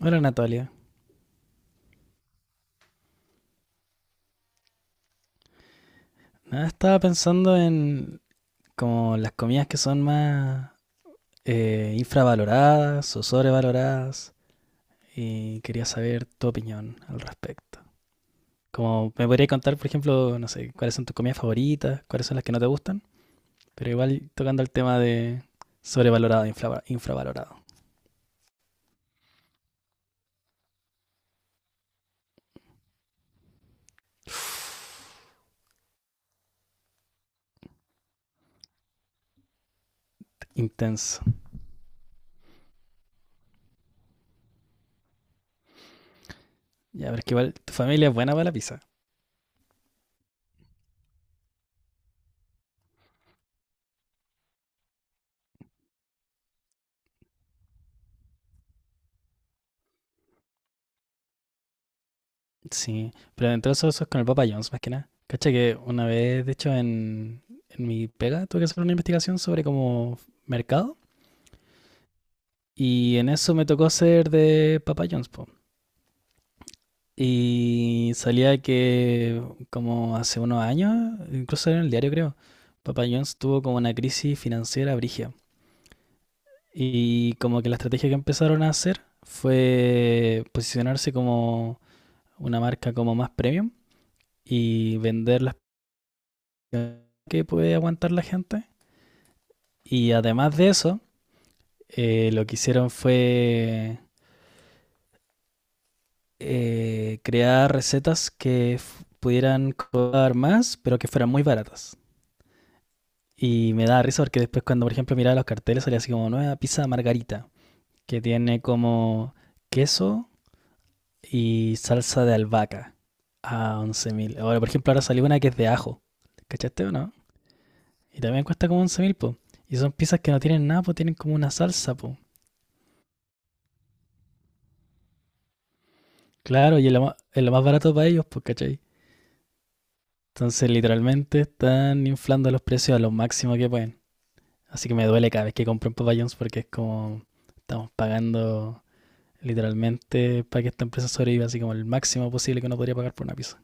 Hola Natalia. Nada, estaba pensando en como las comidas que son más infravaloradas o sobrevaloradas y quería saber tu opinión al respecto. Como me podría contar, por ejemplo, no sé, cuáles son tus comidas favoritas, cuáles son las que no te gustan, pero igual tocando el tema de sobrevalorado, infravalorado, intenso. Ya, pero es que igual tu familia es buena para la pizza. Sí, pero entre eso, eso es con el Papa John's más que nada. Cacha que una vez, de hecho, en mi pega tuve que hacer una investigación sobre como mercado y en eso me tocó ser de Papa John's, po. Y salía que como hace unos años, incluso en el diario creo, Papa John's tuvo como una crisis financiera brígida. Y como que la estrategia que empezaron a hacer fue posicionarse como una marca como más premium y vender las que puede aguantar la gente. Y además de eso, lo que hicieron fue crear recetas que pudieran cobrar más, pero que fueran muy baratas. Y me da risa porque después cuando, por ejemplo, miraba los carteles salía así como nueva pizza margarita, que tiene como queso y salsa de albahaca a 11.000. Ahora, por ejemplo, ahora salió una que es de ajo. ¿Cachaste o no? Y también cuesta como 11.000 po. Y son pizzas que no tienen nada, po, tienen como una salsa, po. Claro, y es lo más barato para ellos, pues, ¿cachai? Entonces, literalmente están inflando los precios a lo máximo que pueden. Así que me duele cada vez que compro en Papa John's porque es como estamos pagando literalmente para que esta empresa sobreviva, así como el máximo posible que uno podría pagar por una pizza.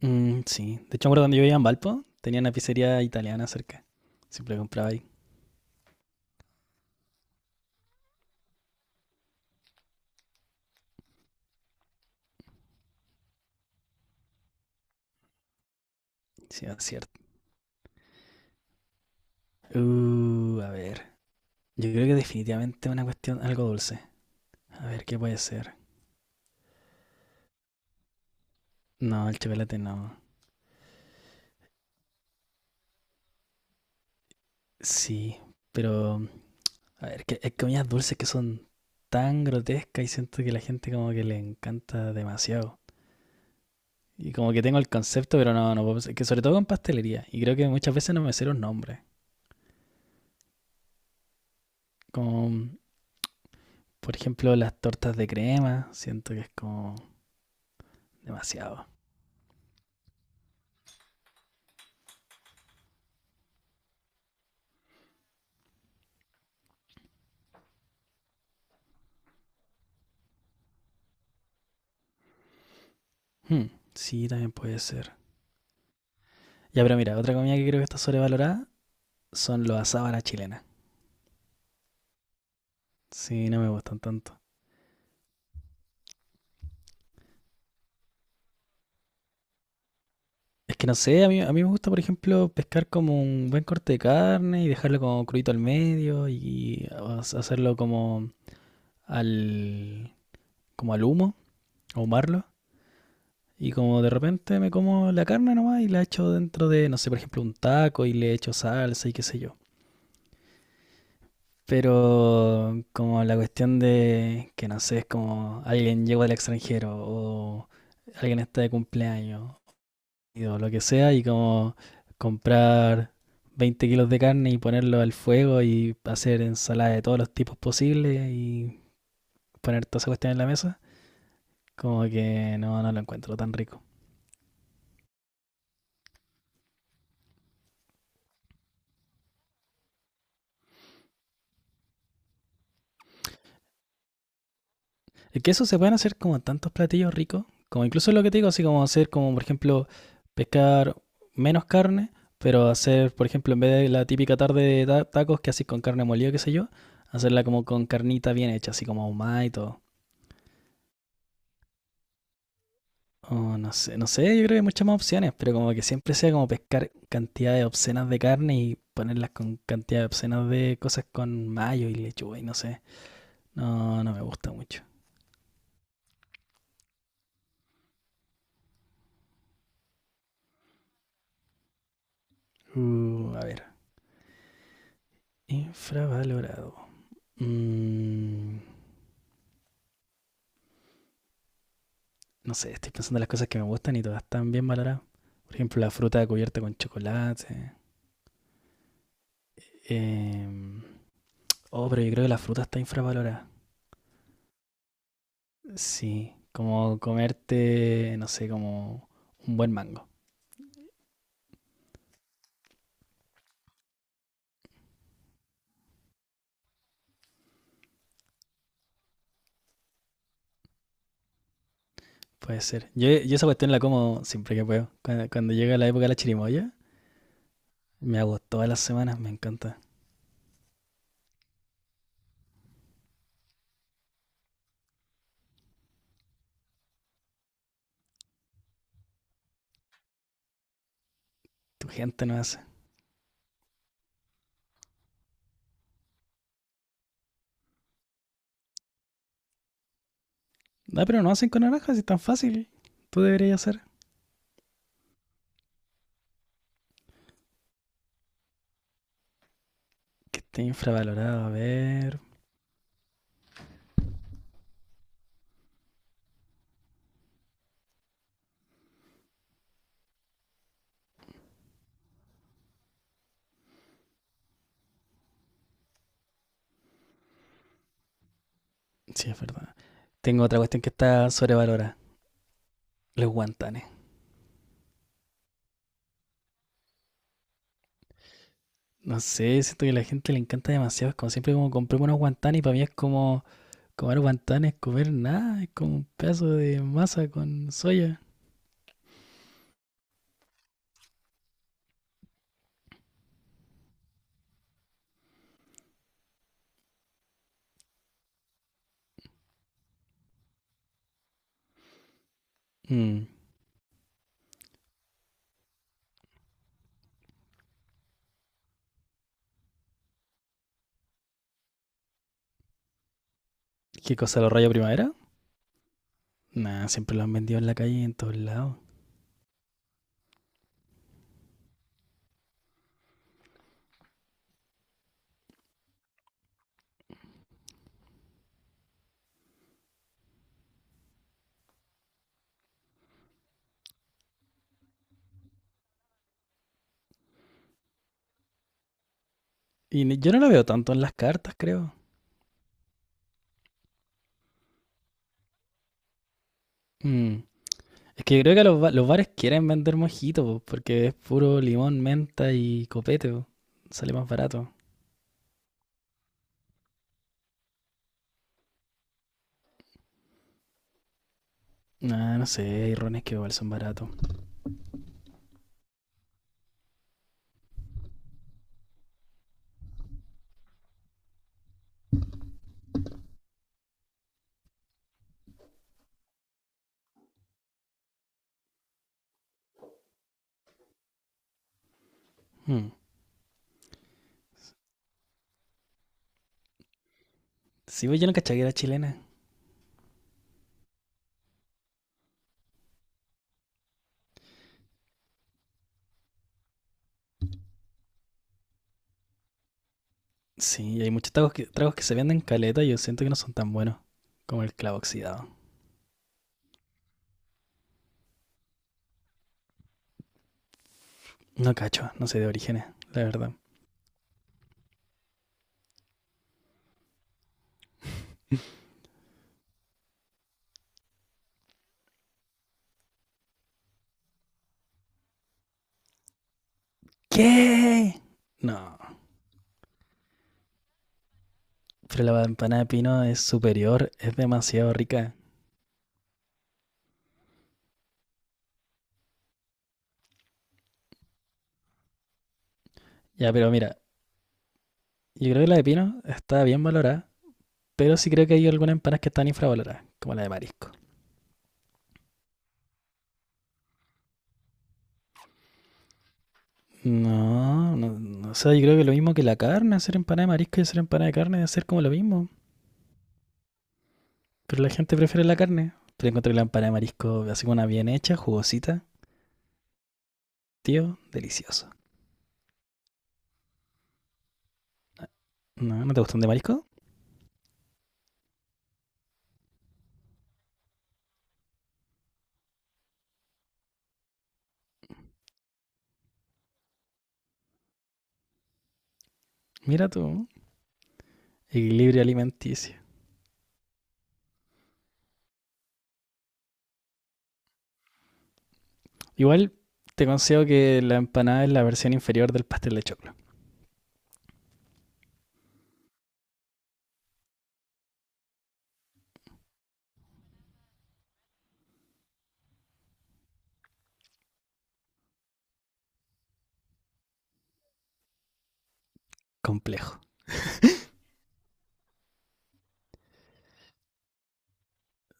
Mm, sí, de hecho, me acuerdo cuando yo vivía en Valpo, tenía una pizzería italiana cerca. Siempre compraba ahí. Sí, es cierto. A ver. Yo creo que definitivamente una cuestión algo dulce. A ver, ¿qué puede ser? No, el chocolate no. Sí, pero a ver, que hay comidas dulces que son tan grotescas y siento que la gente como que le encanta demasiado. Y como que tengo el concepto, pero no, no puedo pensar. Que sobre todo con pastelería. Y creo que muchas veces no me sé los nombres. Como, por ejemplo, las tortas de crema. Siento que es como demasiado. Hmm, sí, también puede ser. Ya, pero mira, otra comida que creo que está sobrevalorada son los asados a la chilena. Sí, no me gustan tanto. Es que no sé, a mí me gusta, por ejemplo, pescar como un buen corte de carne y dejarlo como crudito al medio y hacerlo como al, como al humo, ahumarlo. Y como de repente me como la carne nomás y la echo dentro de, no sé, por ejemplo, un taco y le echo salsa y qué sé yo. Pero como la cuestión de que no sé, es como alguien llegó del extranjero o alguien está de cumpleaños o lo que sea, y como comprar 20 kilos de carne y ponerlo al fuego y hacer ensalada de todos los tipos posibles y poner toda esa cuestión en la mesa, como que no, no lo encuentro tan rico. Es que eso se pueden hacer como tantos platillos ricos, como incluso lo que te digo, así como hacer como, por ejemplo, pescar menos carne, pero hacer, por ejemplo, en vez de la típica tarde de tacos que haces con carne molida, qué sé yo, hacerla como con carnita bien hecha, así como ahumada y todo. Oh, no sé, no sé, yo creo que hay muchas más opciones, pero como que siempre sea como pescar cantidades obscenas de carne y ponerlas con cantidades obscenas de cosas con mayo y lechuga y no sé. No, no me gusta mucho. A ver, infravalorado. Mm, no sé, estoy pensando en las cosas que me gustan y todas están bien valoradas. Por ejemplo, la fruta cubierta con chocolate. Em, oh, pero yo creo que la fruta está infravalorada. Sí, como comerte, no sé, como un buen mango. Puede ser. Yo esa cuestión la como siempre que puedo. Cuando llega la época de la chirimoya, me hago todas las semanas, me encanta. Tu gente no hace. Ah, pero no hacen con naranjas, es tan fácil. Tú deberías hacer. Que esté infravalorado, a ver. Sí, es verdad. Tengo otra cuestión que está sobrevalorada. Los guantanes. No sé, siento que a la gente le encanta demasiado. Es como siempre como compré unos guantanes y para mí es como comer guantanes, comer nada. Es como un pedazo de masa con soya. Mm. ¿Qué cosa, los rayos primavera? Nah, siempre lo han vendido en la calle y en todos lados. Yo no lo veo tanto en las cartas, creo. Mm. Es que yo creo que los bares quieren vender mojito, po, porque es puro limón, menta y copete, po. Sale más barato. Nah, no sé, hay rones que igual son baratos. Mm. Sí, pues yo no cachaba que era chilena. Sí, y hay muchos tragos que se venden caleta y yo siento que no son tan buenos. Como el clavo oxidado. No cacho, no sé de orígenes, la verdad. ¿Qué? No, pero la empanada de pino es superior, es demasiado rica. Ya, pero mira, yo creo que la de pino está bien valorada, pero sí creo que hay algunas empanadas que están infravaloradas, como la de marisco. No, no, no, o sea, yo creo que lo mismo que la carne, hacer empanada de marisco y hacer empanada de carne debe ser como lo mismo. Pero la gente prefiere la carne. Pero encontré la empanada de marisco así como una bien hecha, jugosita. Tío, delicioso. No, ¿no te gustan de marisco? Mira tú, equilibrio alimenticio. Igual te concedo que la empanada es la versión inferior del pastel de choclo. Complejo.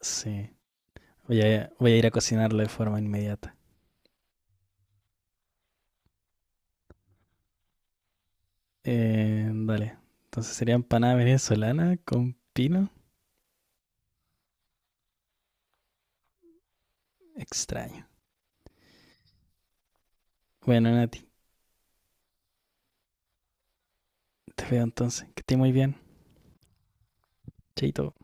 Sí. Voy a ir a cocinarlo de forma inmediata. Dale. Entonces sería empanada venezolana con pino. Extraño. Bueno, Nati, te veo entonces. Que estés muy bien. Chaito.